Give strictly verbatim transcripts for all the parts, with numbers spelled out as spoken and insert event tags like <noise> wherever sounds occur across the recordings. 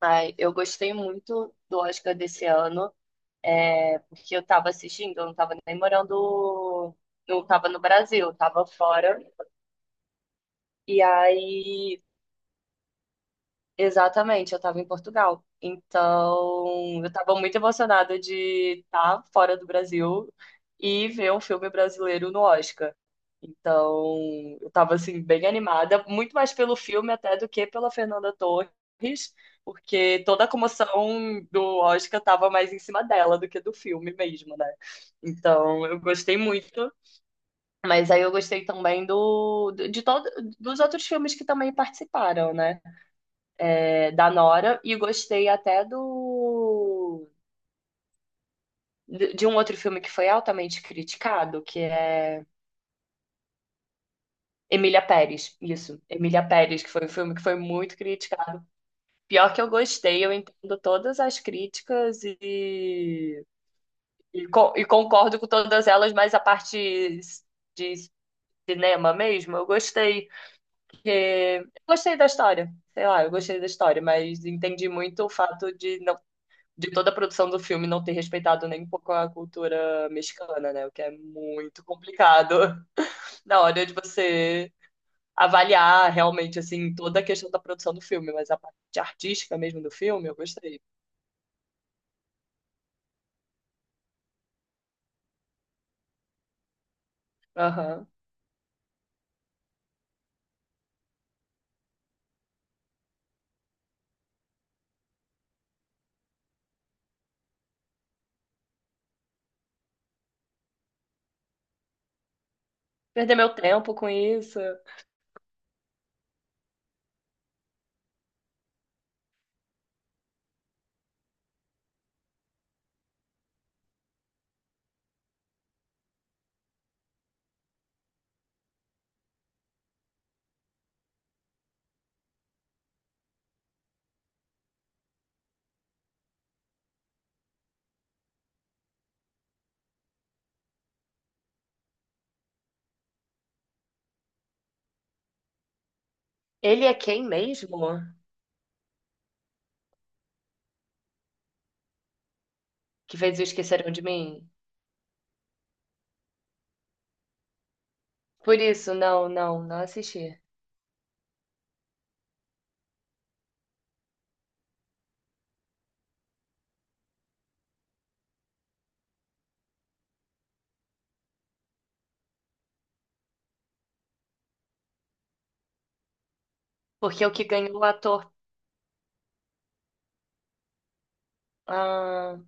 Ai, eu gostei muito do Oscar desse ano, é, porque eu estava assistindo, eu não estava nem morando, não estava no Brasil, eu estava fora. E aí, exatamente, eu estava em Portugal. Então, eu estava muito emocionada de estar fora do Brasil e ver um filme brasileiro no Oscar. Então, eu estava assim bem animada, muito mais pelo filme até do que pela Fernanda Torres, porque toda a comoção do Oscar estava mais em cima dela do que do filme mesmo, né? Então, eu gostei muito. Mas aí eu gostei também do, de todos dos outros filmes que também participaram, né? é, da Nora, e gostei até do de de um outro filme que foi altamente criticado, que é Emília Pérez. Isso, Emília Pérez, que foi um filme que foi muito criticado. Pior que eu gostei, eu entendo todas as críticas e, e, co- e concordo com todas elas, mas a parte de cinema mesmo, eu gostei. Porque eu gostei da história, sei lá, eu gostei da história, mas entendi muito o fato de não de toda a produção do filme não ter respeitado nem um pouco a cultura mexicana, né? O que é muito complicado <laughs> na hora de você avaliar realmente assim toda a questão da produção do filme, mas a parte artística mesmo do filme, eu gostei. Aham. Perder meu tempo com isso. Ele é quem mesmo que fez o Esqueceram de Mim? Por isso, não, não, não assisti. Porque o que ganhou o ator. Ah.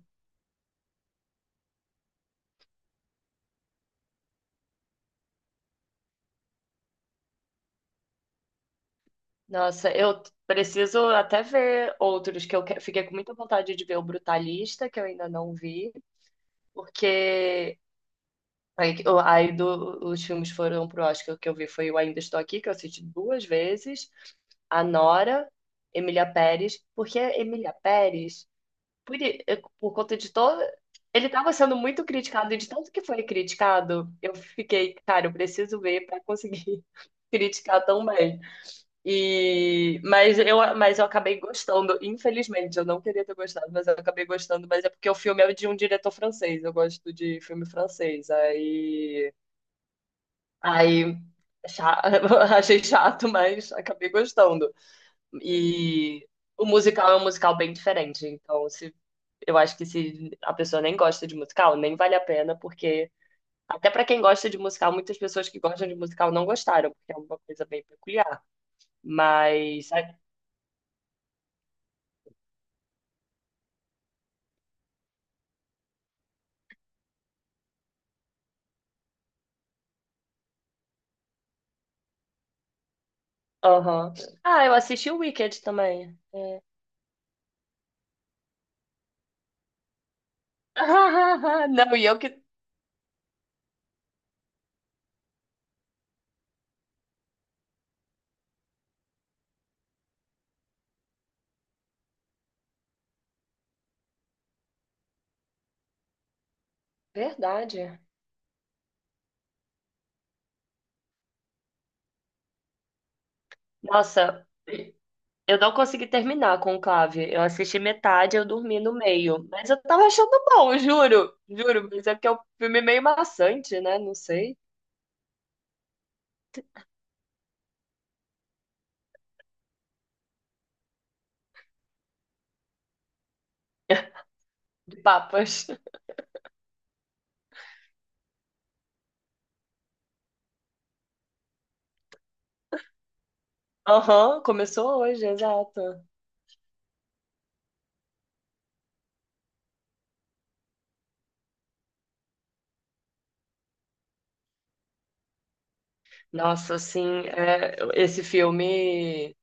Nossa, eu preciso até ver outros que eu que- fiquei com muita vontade de ver o Brutalista, que eu ainda não vi, porque aí, que- aí do- os filmes foram pro Oscar. O que eu vi foi o Ainda Estou Aqui, que eu assisti duas vezes, a Nora, Emília Pérez, porque a Emília Pérez, por, i- eu- por conta de todo. Ele estava sendo muito criticado, e de tanto que foi criticado, eu fiquei, cara, eu preciso ver para conseguir <laughs> criticar também. E, mas eu, mas eu acabei gostando, infelizmente, eu não queria ter gostado, mas eu acabei gostando, mas é porque o filme é de um diretor francês, eu gosto de filme francês, aí, aí cha- <laughs> achei chato, mas acabei gostando. E o musical é um musical bem diferente, então, se, eu acho que se a pessoa nem gosta de musical, nem vale a pena, porque até pra quem gosta de musical, muitas pessoas que gostam de musical não gostaram, porque é uma coisa bem peculiar. Mas. Aham. Ah, eu assisti o Wicked também. É. <laughs> Não, e eu que. Verdade. Nossa, eu não consegui terminar com o Conclave. Eu assisti metade, eu dormi no meio. Mas eu tava achando bom, juro. Juro, mas é porque é um filme meio maçante, né? Não sei. De papas. Aham, <laughs> começou hoje, exato. Nossa, assim, é, esse filme.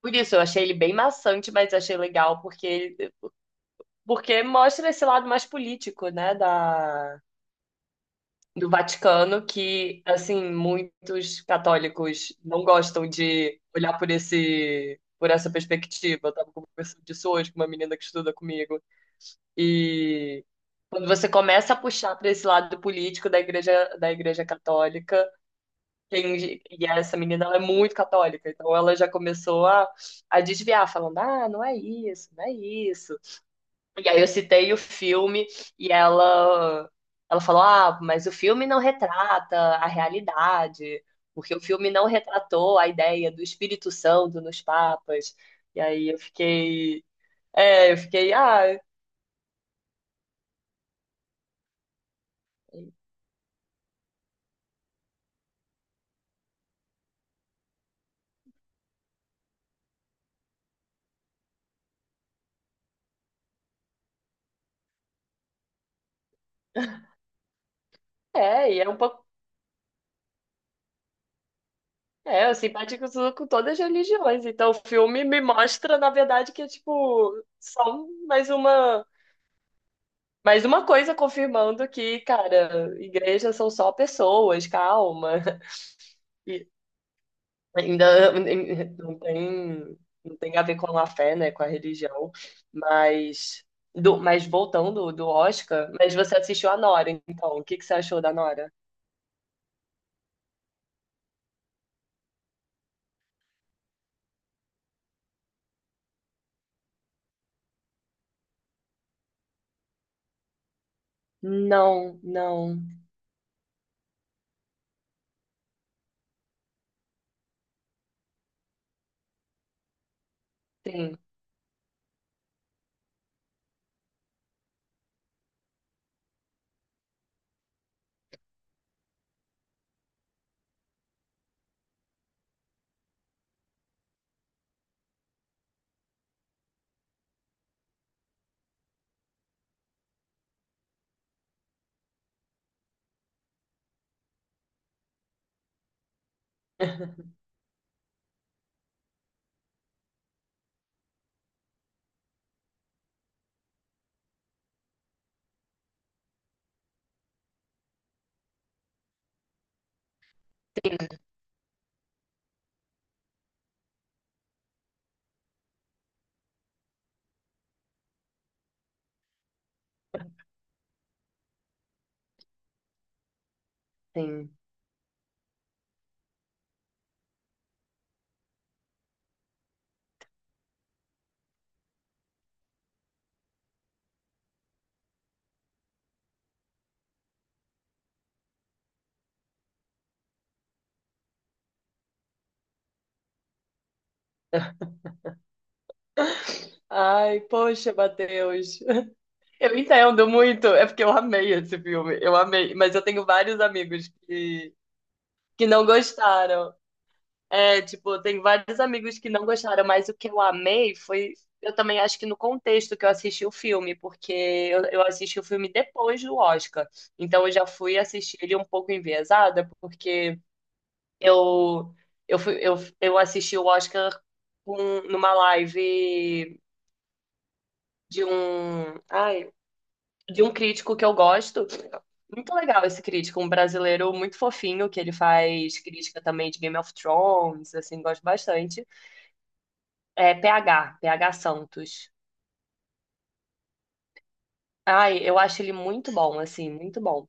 Por isso, eu achei ele bem maçante, mas achei legal, porque ele- porque mostra esse lado mais político, né? Da, do Vaticano que, assim, muitos católicos não gostam de olhar por esse, por essa perspectiva. Eu tava conversando disso hoje com uma menina que estuda comigo. E quando você começa a puxar para esse lado político da igreja, da igreja católica, tem- e essa menina, ela é muito católica, então ela já começou a, a desviar, falando: ah, não é isso, não é isso. E aí eu citei o filme e ela ela falou: "Ah, mas o filme não retrata a realidade, porque o filme não retratou a ideia do Espírito Santo nos papas". E aí eu fiquei, é, eu fiquei, ah, é, e é um pouco. É, eu simpatizo com todas as religiões. Então, o filme me mostra, na verdade, que é tipo só mais uma, mais uma coisa confirmando que, cara, igrejas são só pessoas, calma. <laughs> Ainda nem- não tem, não tem a ver com a fé, né, com a religião, mas do, mas voltando do Oscar, mas você assistiu a Nora, então, o que que você achou da Nora? Não, não, sim, sim. Ai, poxa, Matheus. <laughs> Eu entendo muito, é porque eu amei esse filme, eu amei, mas eu tenho vários amigos que, que não gostaram. É, tipo, tem vários amigos que não gostaram, mas o que eu amei foi. Eu também acho que no contexto que eu assisti o filme, porque eu, eu assisti o filme depois do Oscar. Então eu já fui assistir ele um pouco enviesada, porque eu, eu, fui, eu, eu assisti o Oscar, com- numa live de um, ai, de um crítico que eu gosto. Muito legal esse crítico, um brasileiro muito fofinho, que ele faz crítica também de Game of Thrones, assim, gosto bastante. É P H, P H Santos. Ai, eu acho ele muito bom, assim, muito bom.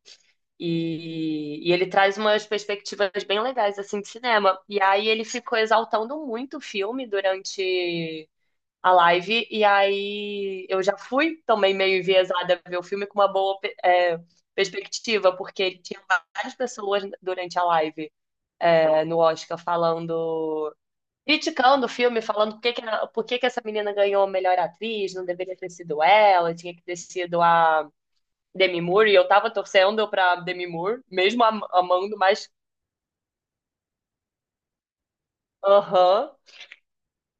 E, e ele traz umas perspectivas bem legais, assim, de cinema. E aí ele ficou exaltando muito o filme durante a live. E aí eu já fui também meio enviesada a ver o filme com uma boa, é, perspectiva, porque ele tinha várias pessoas durante a live, é, no Oscar falando, criticando o filme, falando por que que, a- por que que essa menina ganhou a melhor atriz, não deveria ter sido ela, tinha que ter sido a Demi Moore, e eu tava torcendo pra Demi Moore, mesmo am- amando, mas aham,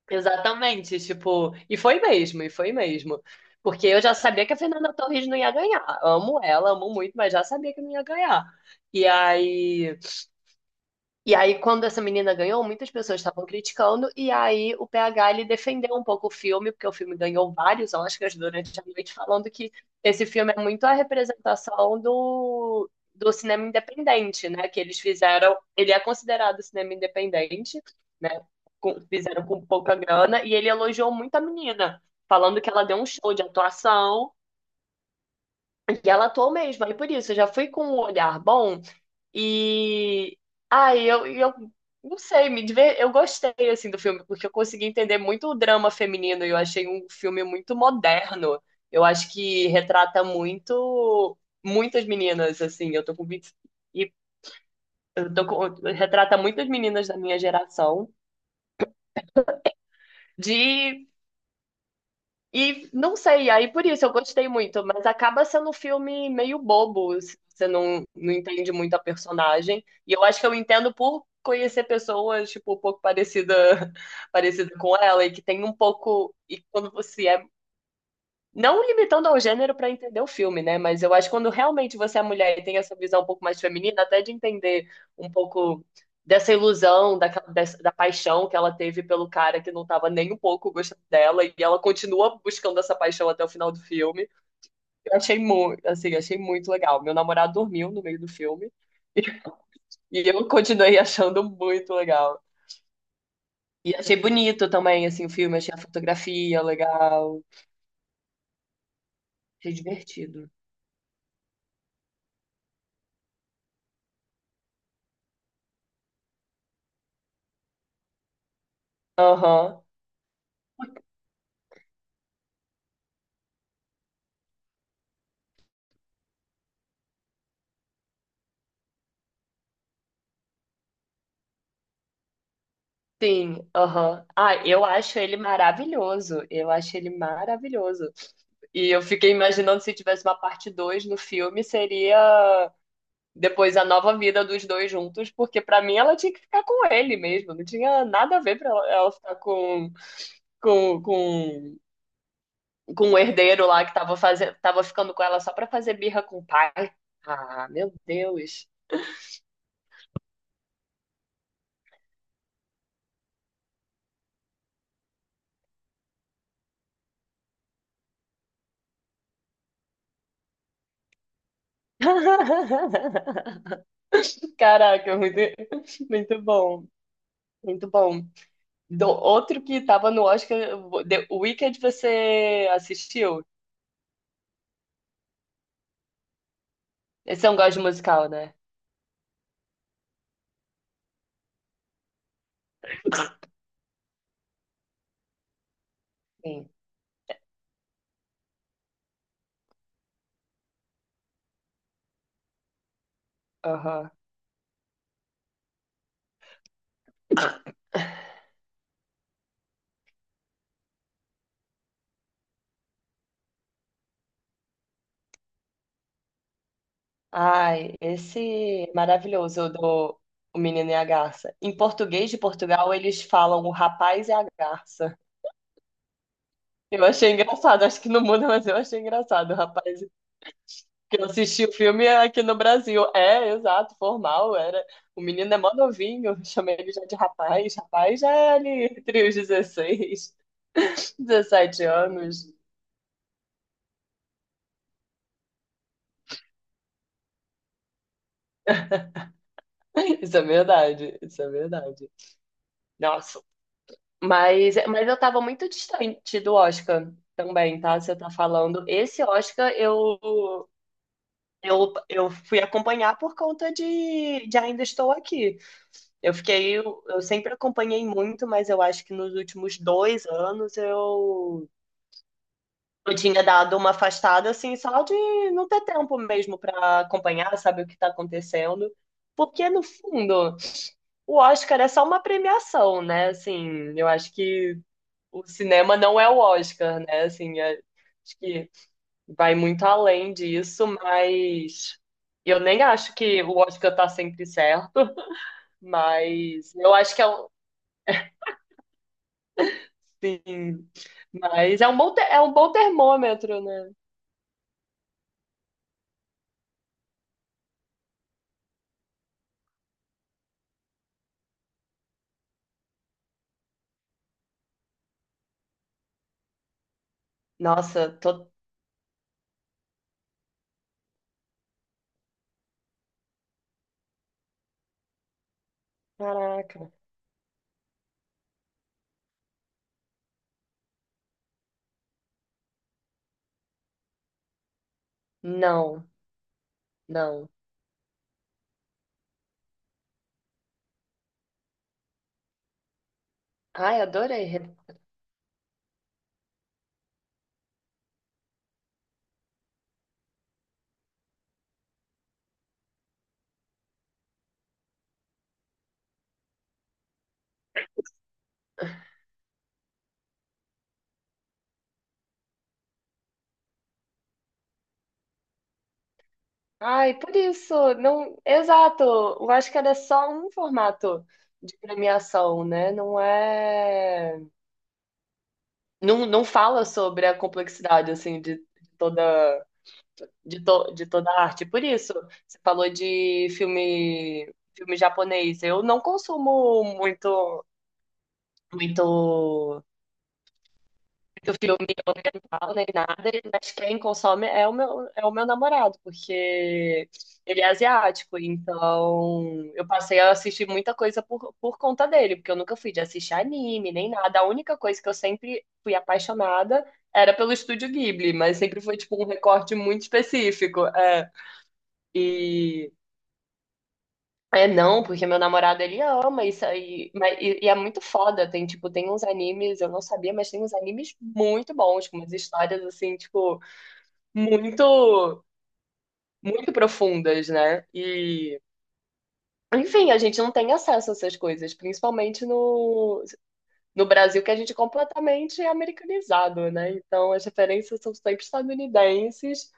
exatamente, tipo, e foi mesmo, e foi mesmo. Porque eu já sabia que a Fernanda Torres não ia ganhar. Amo ela, amo muito, mas já sabia que não ia ganhar. E aí. E aí, quando essa menina ganhou, muitas pessoas estavam criticando, e aí o P H, ele defendeu um pouco o filme, porque o filme ganhou vários Oscars durante a noite, falando que esse filme é muito a representação do, do cinema independente, né? Que eles fizeram, ele é considerado cinema independente, né? Com- fizeram com pouca grana, e ele elogiou muito a menina, falando que ela deu um show de atuação, e ela atuou mesmo. Aí por isso, eu já fui com um olhar bom, e ai, eu, e eu não sei, me diver... eu gostei assim do filme porque eu consegui entender muito o drama feminino e eu achei um filme muito moderno. Eu acho que retrata muito muitas meninas assim, eu tô com vinte, e eu tô com... retrata muitas meninas da minha geração de e não sei, aí por isso eu gostei muito, mas acaba sendo um filme meio bobo, se você não, não entende muito a personagem. E eu acho que eu entendo por conhecer pessoas, tipo, um pouco parecida, <laughs> parecida com ela, e que tem um pouco. E quando você é não limitando ao gênero para entender o filme, né? Mas eu acho que quando realmente você é mulher e tem essa visão um pouco mais feminina, até de entender um pouco dessa ilusão, da, da paixão que ela teve pelo cara que não estava nem um pouco gostando dela, e ela continua buscando essa paixão até o final do filme. Eu achei muito, assim, achei muito legal. Meu namorado dormiu no meio do filme <laughs> e eu continuei achando muito legal. E achei bonito também, assim, o filme, achei a fotografia legal, achei divertido. Aham. Sim, aham. Ah, eu acho ele maravilhoso. Eu acho ele maravilhoso. E eu fiquei imaginando, se tivesse uma parte dois no filme, seria depois a nova vida dos dois juntos, porque pra mim ela tinha que ficar com ele mesmo. Não tinha nada a ver pra ela ela ficar com, com, com, com o herdeiro lá que tava fazendo, tava ficando com ela só pra fazer birra com o pai. Ah, meu Deus. <laughs> Caraca, muito, muito bom. Muito bom. Do- outro que tava no Oscar, The Wicked, você assistiu? Esse é um gosto de musical, né? Sim. Aham. Ai, esse é maravilhoso, o do O Menino e a Garça. Em português de Portugal, eles falam o rapaz e a garça. Eu achei engraçado, acho que no mundo, mas eu achei engraçado, o rapaz. Que eu assisti o filme aqui no Brasil. É, exato, formal, era. O menino é mó novinho, chamei ele já de rapaz. Rapaz já é ali entre os dezesseis. dezessete <laughs> anos. <laughs> Isso é verdade, isso é verdade. Nossa, mas, mas eu tava muito distante do Oscar também, tá? Você tá falando. Esse Oscar eu, eu, eu fui acompanhar por conta de, de Ainda Estou Aqui. Eu fiquei, eu, eu sempre acompanhei muito, mas eu acho que nos últimos dois anos eu, eu tinha dado uma afastada, assim, só de não ter tempo mesmo pra acompanhar, saber o que tá acontecendo. Porque, no fundo, o Oscar é só uma premiação, né? Assim, eu acho que o cinema não é o Oscar, né? Assim, é- acho que vai muito além disso, mas eu nem acho que o Oscar tá sempre certo, mas eu acho que é um, sim, mas é um bom, te- é um bom termômetro, né? Nossa, tô, caraca. Não, não. Ai, adorei. Ai, por isso, não, exato. Eu acho que era só um formato de premiação, né? Não é, não, não fala sobre a complexidade assim de toda de, to, de toda a arte. Por isso, você falou de filme filme japonês. Eu não consumo muito muito que o filme eu não nem nada, mas quem consome é o meu, é o meu namorado, porque ele é asiático, então eu passei a assistir muita coisa por, por conta dele, porque eu nunca fui de assistir anime nem nada. A única coisa que eu sempre fui apaixonada era pelo Estúdio Ghibli, mas sempre foi tipo um recorte muito específico. É. E é, não, porque meu namorado ele ama isso aí, mas, e, e é muito foda, tem tipo, tem uns animes, eu não sabia, mas tem uns animes muito bons, com umas histórias assim, tipo, muito, muito profundas, né? E, enfim, a gente não tem acesso a essas coisas, principalmente no, no Brasil, que a gente é completamente americanizado, né? Então as referências são sempre estadunidenses,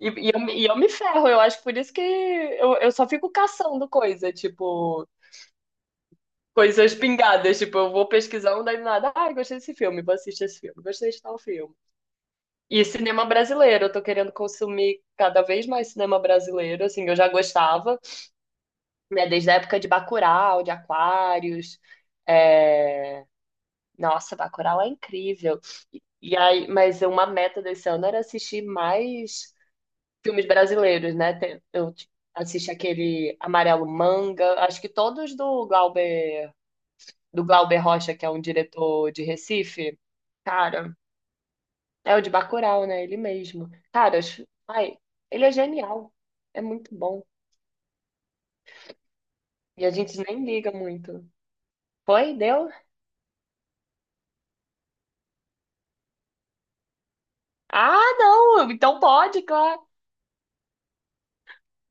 e, e eu, me- e eu me ferro. Eu acho, por isso que eu, eu só fico caçando coisa, tipo. Coisas pingadas. Tipo, eu vou pesquisando, daí do nada, ah, gostei desse filme, vou assistir esse filme, gostei de tal filme. E cinema brasileiro, eu tô querendo consumir cada vez mais cinema brasileiro, assim, eu já gostava, né, desde a época de Bacurau, de Aquários. É... Nossa, Bacurau é incrível. E, e aí, mas uma meta desse ano era assistir mais filmes brasileiros, né? Tem- Eu tipo, assisti aquele Amarelo Manga, acho que todos do Glauber do Glauber Rocha, que é um diretor de Recife. Cara, é o de Bacurau, né? Ele mesmo. Cara, acho- ai, ele é genial. É muito bom. E a gente nem liga muito. Foi? Deu? Ah, não! Então pode, claro.